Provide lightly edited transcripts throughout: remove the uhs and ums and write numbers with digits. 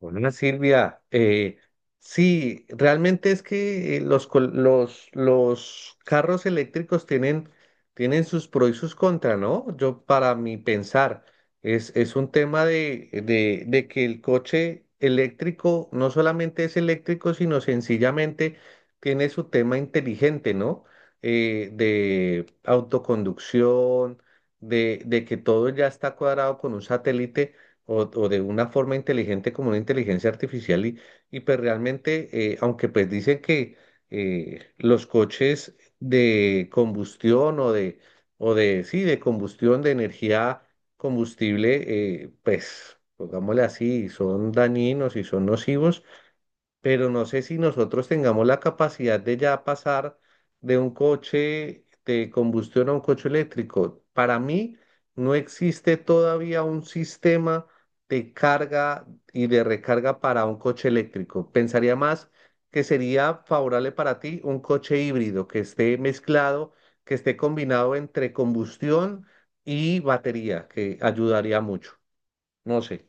Bueno, Silvia, sí, realmente es que los carros eléctricos tienen sus pros y sus contras, ¿no? Yo, para mi pensar, es un tema de, de que el coche eléctrico no solamente es eléctrico, sino sencillamente tiene su tema inteligente, ¿no? De autoconducción, de que todo ya está cuadrado con un satélite o de una forma inteligente como una inteligencia artificial y pues realmente, aunque pues dicen que los coches de combustión o de, sí, de combustión, de energía combustible, pues pongámosle así, son dañinos y son nocivos, pero no sé si nosotros tengamos la capacidad de ya pasar de un coche de combustión a un coche eléctrico. Para mí no existe todavía un sistema de carga y de recarga para un coche eléctrico. Pensaría más que sería favorable para ti un coche híbrido que esté mezclado, que esté combinado entre combustión y batería, que ayudaría mucho. No sé.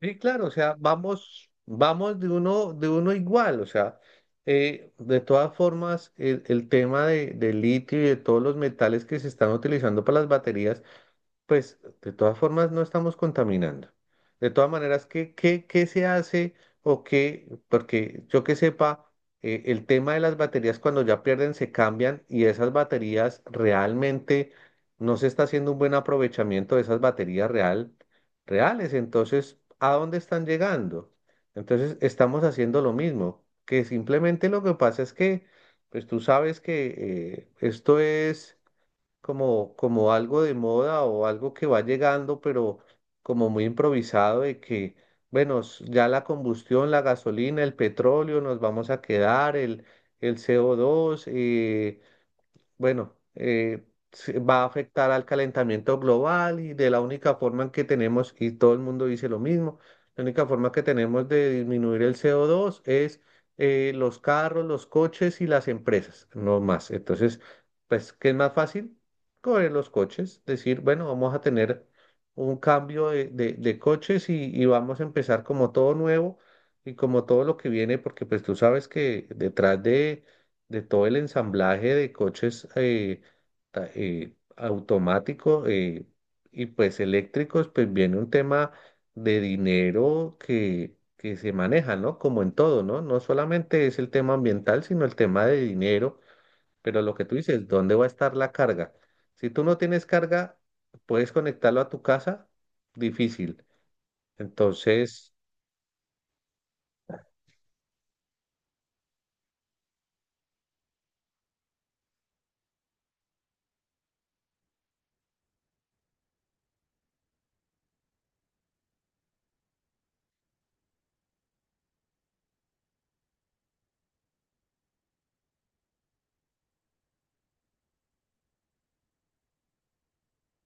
Sí, claro, o sea, vamos de uno igual, o sea, de todas formas, el tema de, del litio y de todos los metales que se están utilizando para las baterías. Pues de todas formas no estamos contaminando. De todas maneras, ¿qué se hace o qué? Porque yo que sepa, el tema de las baterías cuando ya pierden se cambian y esas baterías realmente no se está haciendo un buen aprovechamiento de esas reales. Entonces, ¿a dónde están llegando? Entonces, estamos haciendo lo mismo, que simplemente lo que pasa es que, pues tú sabes que esto es como algo de moda o algo que va llegando, pero como muy improvisado de que, bueno, ya la combustión, la gasolina, el petróleo, nos vamos a quedar, el CO2, bueno, se va a afectar al calentamiento global y de la única forma en que tenemos, y todo el mundo dice lo mismo, la única forma que tenemos de disminuir el CO2 es los carros, los coches y las empresas, no más. Entonces, pues, ¿qué es más fácil? Coger los coches, decir, bueno, vamos a tener un cambio de, de coches y vamos a empezar como todo nuevo y como todo lo que viene, porque pues tú sabes que detrás de todo el ensamblaje de coches automáticos y pues eléctricos, pues viene un tema de dinero que se maneja, ¿no? Como en todo, ¿no? No solamente es el tema ambiental, sino el tema de dinero, pero lo que tú dices, ¿dónde va a estar la carga? Si tú no tienes carga, ¿puedes conectarlo a tu casa? Difícil. Entonces,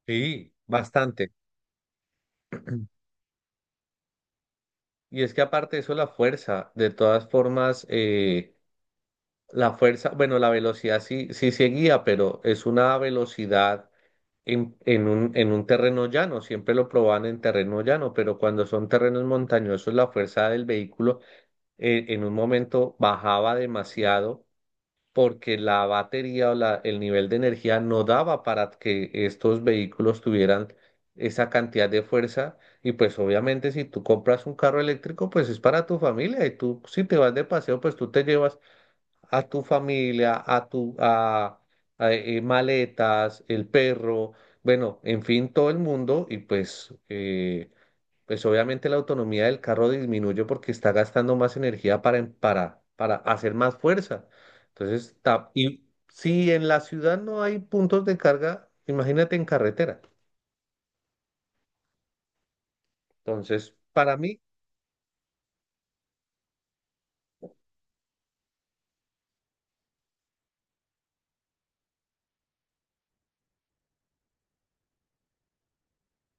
sí, bastante. Y es que aparte de eso, la fuerza, de todas formas, la fuerza, bueno, la velocidad sí, sí seguía, pero es una velocidad en un terreno llano. Siempre lo probaban en terreno llano, pero cuando son terrenos montañosos, la fuerza del vehículo en un momento bajaba demasiado porque la batería o el nivel de energía no daba para que estos vehículos tuvieran esa cantidad de fuerza. Y pues obviamente si tú compras un carro eléctrico, pues es para tu familia y tú si te vas de paseo, pues tú te llevas a tu familia, a maletas, el perro, bueno, en fin, todo el mundo y pues pues obviamente la autonomía del carro disminuye porque está gastando más energía para hacer más fuerza. Entonces, y si en la ciudad no hay puntos de carga, imagínate en carretera. Entonces, para mí...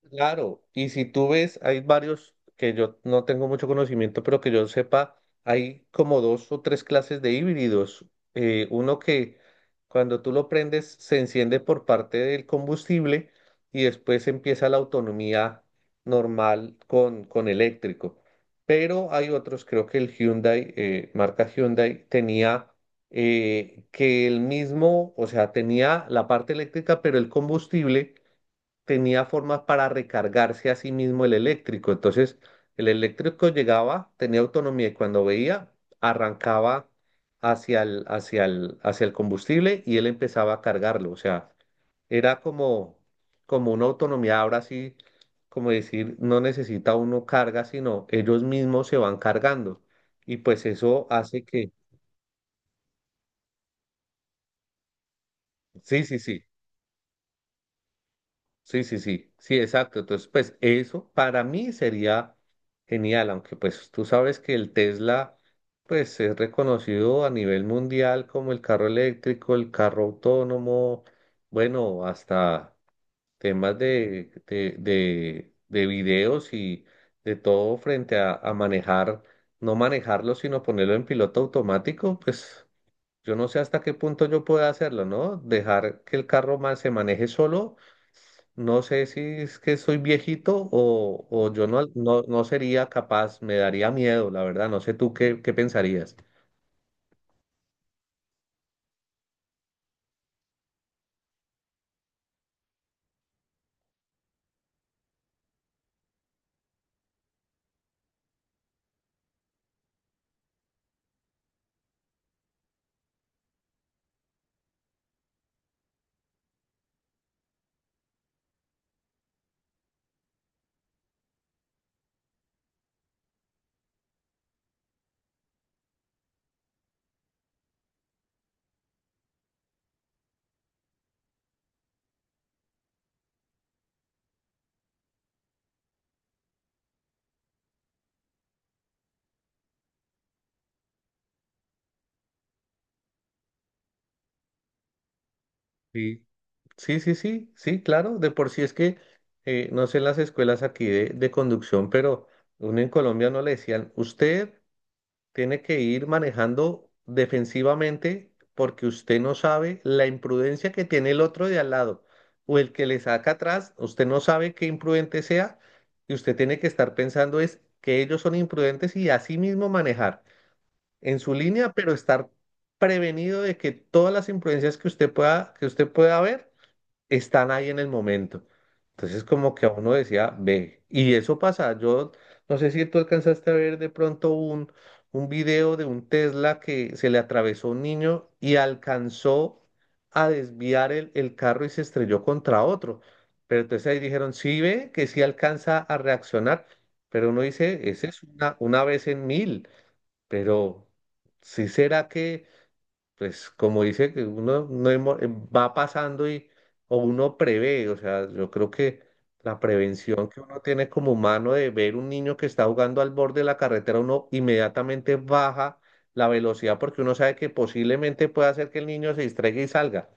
Claro, y si tú ves, hay varios que yo no tengo mucho conocimiento, pero que yo sepa, hay como dos o tres clases de híbridos. Uno que cuando tú lo prendes se enciende por parte del combustible y después empieza la autonomía normal con eléctrico. Pero hay otros, creo que el Hyundai, marca Hyundai, tenía que el mismo, o sea, tenía la parte eléctrica, pero el combustible tenía formas para recargarse a sí mismo el eléctrico. Entonces, el eléctrico llegaba, tenía autonomía y cuando veía, arrancaba hacia el, hacia el combustible y él empezaba a cargarlo. O sea, era como, como una autonomía, ahora sí, como decir, no necesita uno carga, sino ellos mismos se van cargando. Y pues eso hace que, sí, sí, sí. Sí, sí, sí, sí, exacto. Entonces, pues eso para mí sería genial, aunque pues tú sabes que el Tesla pues es reconocido a nivel mundial como el carro eléctrico, el carro autónomo, bueno, hasta temas de videos y de todo frente a manejar, no manejarlo, sino ponerlo en piloto automático, pues yo no sé hasta qué punto yo pueda hacerlo, ¿no? Dejar que el carro se maneje solo. No sé si es que soy viejito o yo no sería capaz, me daría miedo, la verdad. No sé tú qué, qué pensarías. Sí, sí, sí, sí, sí, claro. De por sí es que, no sé en las escuelas aquí de conducción, pero uno en Colombia no le decían, usted tiene que ir manejando defensivamente porque usted no sabe la imprudencia que tiene el otro de al lado o el que le saca atrás, usted no sabe qué imprudente sea y usted tiene que estar pensando es que ellos son imprudentes y así mismo manejar en su línea, pero estar prevenido de que todas las imprudencias que usted pueda ver están ahí en el momento. Entonces como que a uno decía, ve, y eso pasa. Yo no sé si tú alcanzaste a ver de pronto un video de un Tesla que se le atravesó un niño y alcanzó a desviar el carro y se estrelló contra otro. Pero entonces ahí dijeron, sí ve, que sí alcanza a reaccionar. Pero uno dice, ese es una vez en mil. Pero si será que pues como dice que uno no hemo- va pasando y o uno prevé, o sea, yo creo que la prevención que uno tiene como humano de ver un niño que está jugando al borde de la carretera, uno inmediatamente baja la velocidad porque uno sabe que posiblemente puede hacer que el niño se distraiga y salga.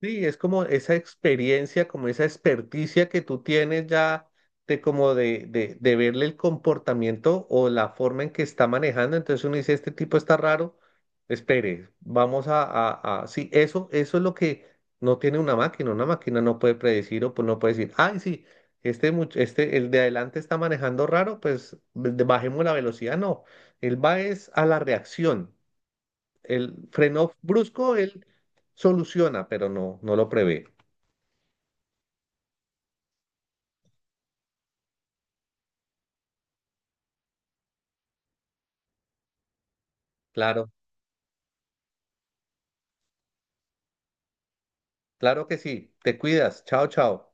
Sí, es como esa experiencia, como esa experticia que tú tienes ya de como de verle el comportamiento o la forma en que está manejando. Entonces uno dice, este tipo está raro, espere, vamos sí, eso es lo que no tiene una máquina. Una máquina no puede predecir o pues no puede decir, ay, sí, este, el de adelante está manejando raro, pues bajemos la velocidad. No, él va es a la reacción. El freno brusco, él soluciona, pero no, no lo prevé. Claro, claro que sí. Te cuidas. Chao, chao.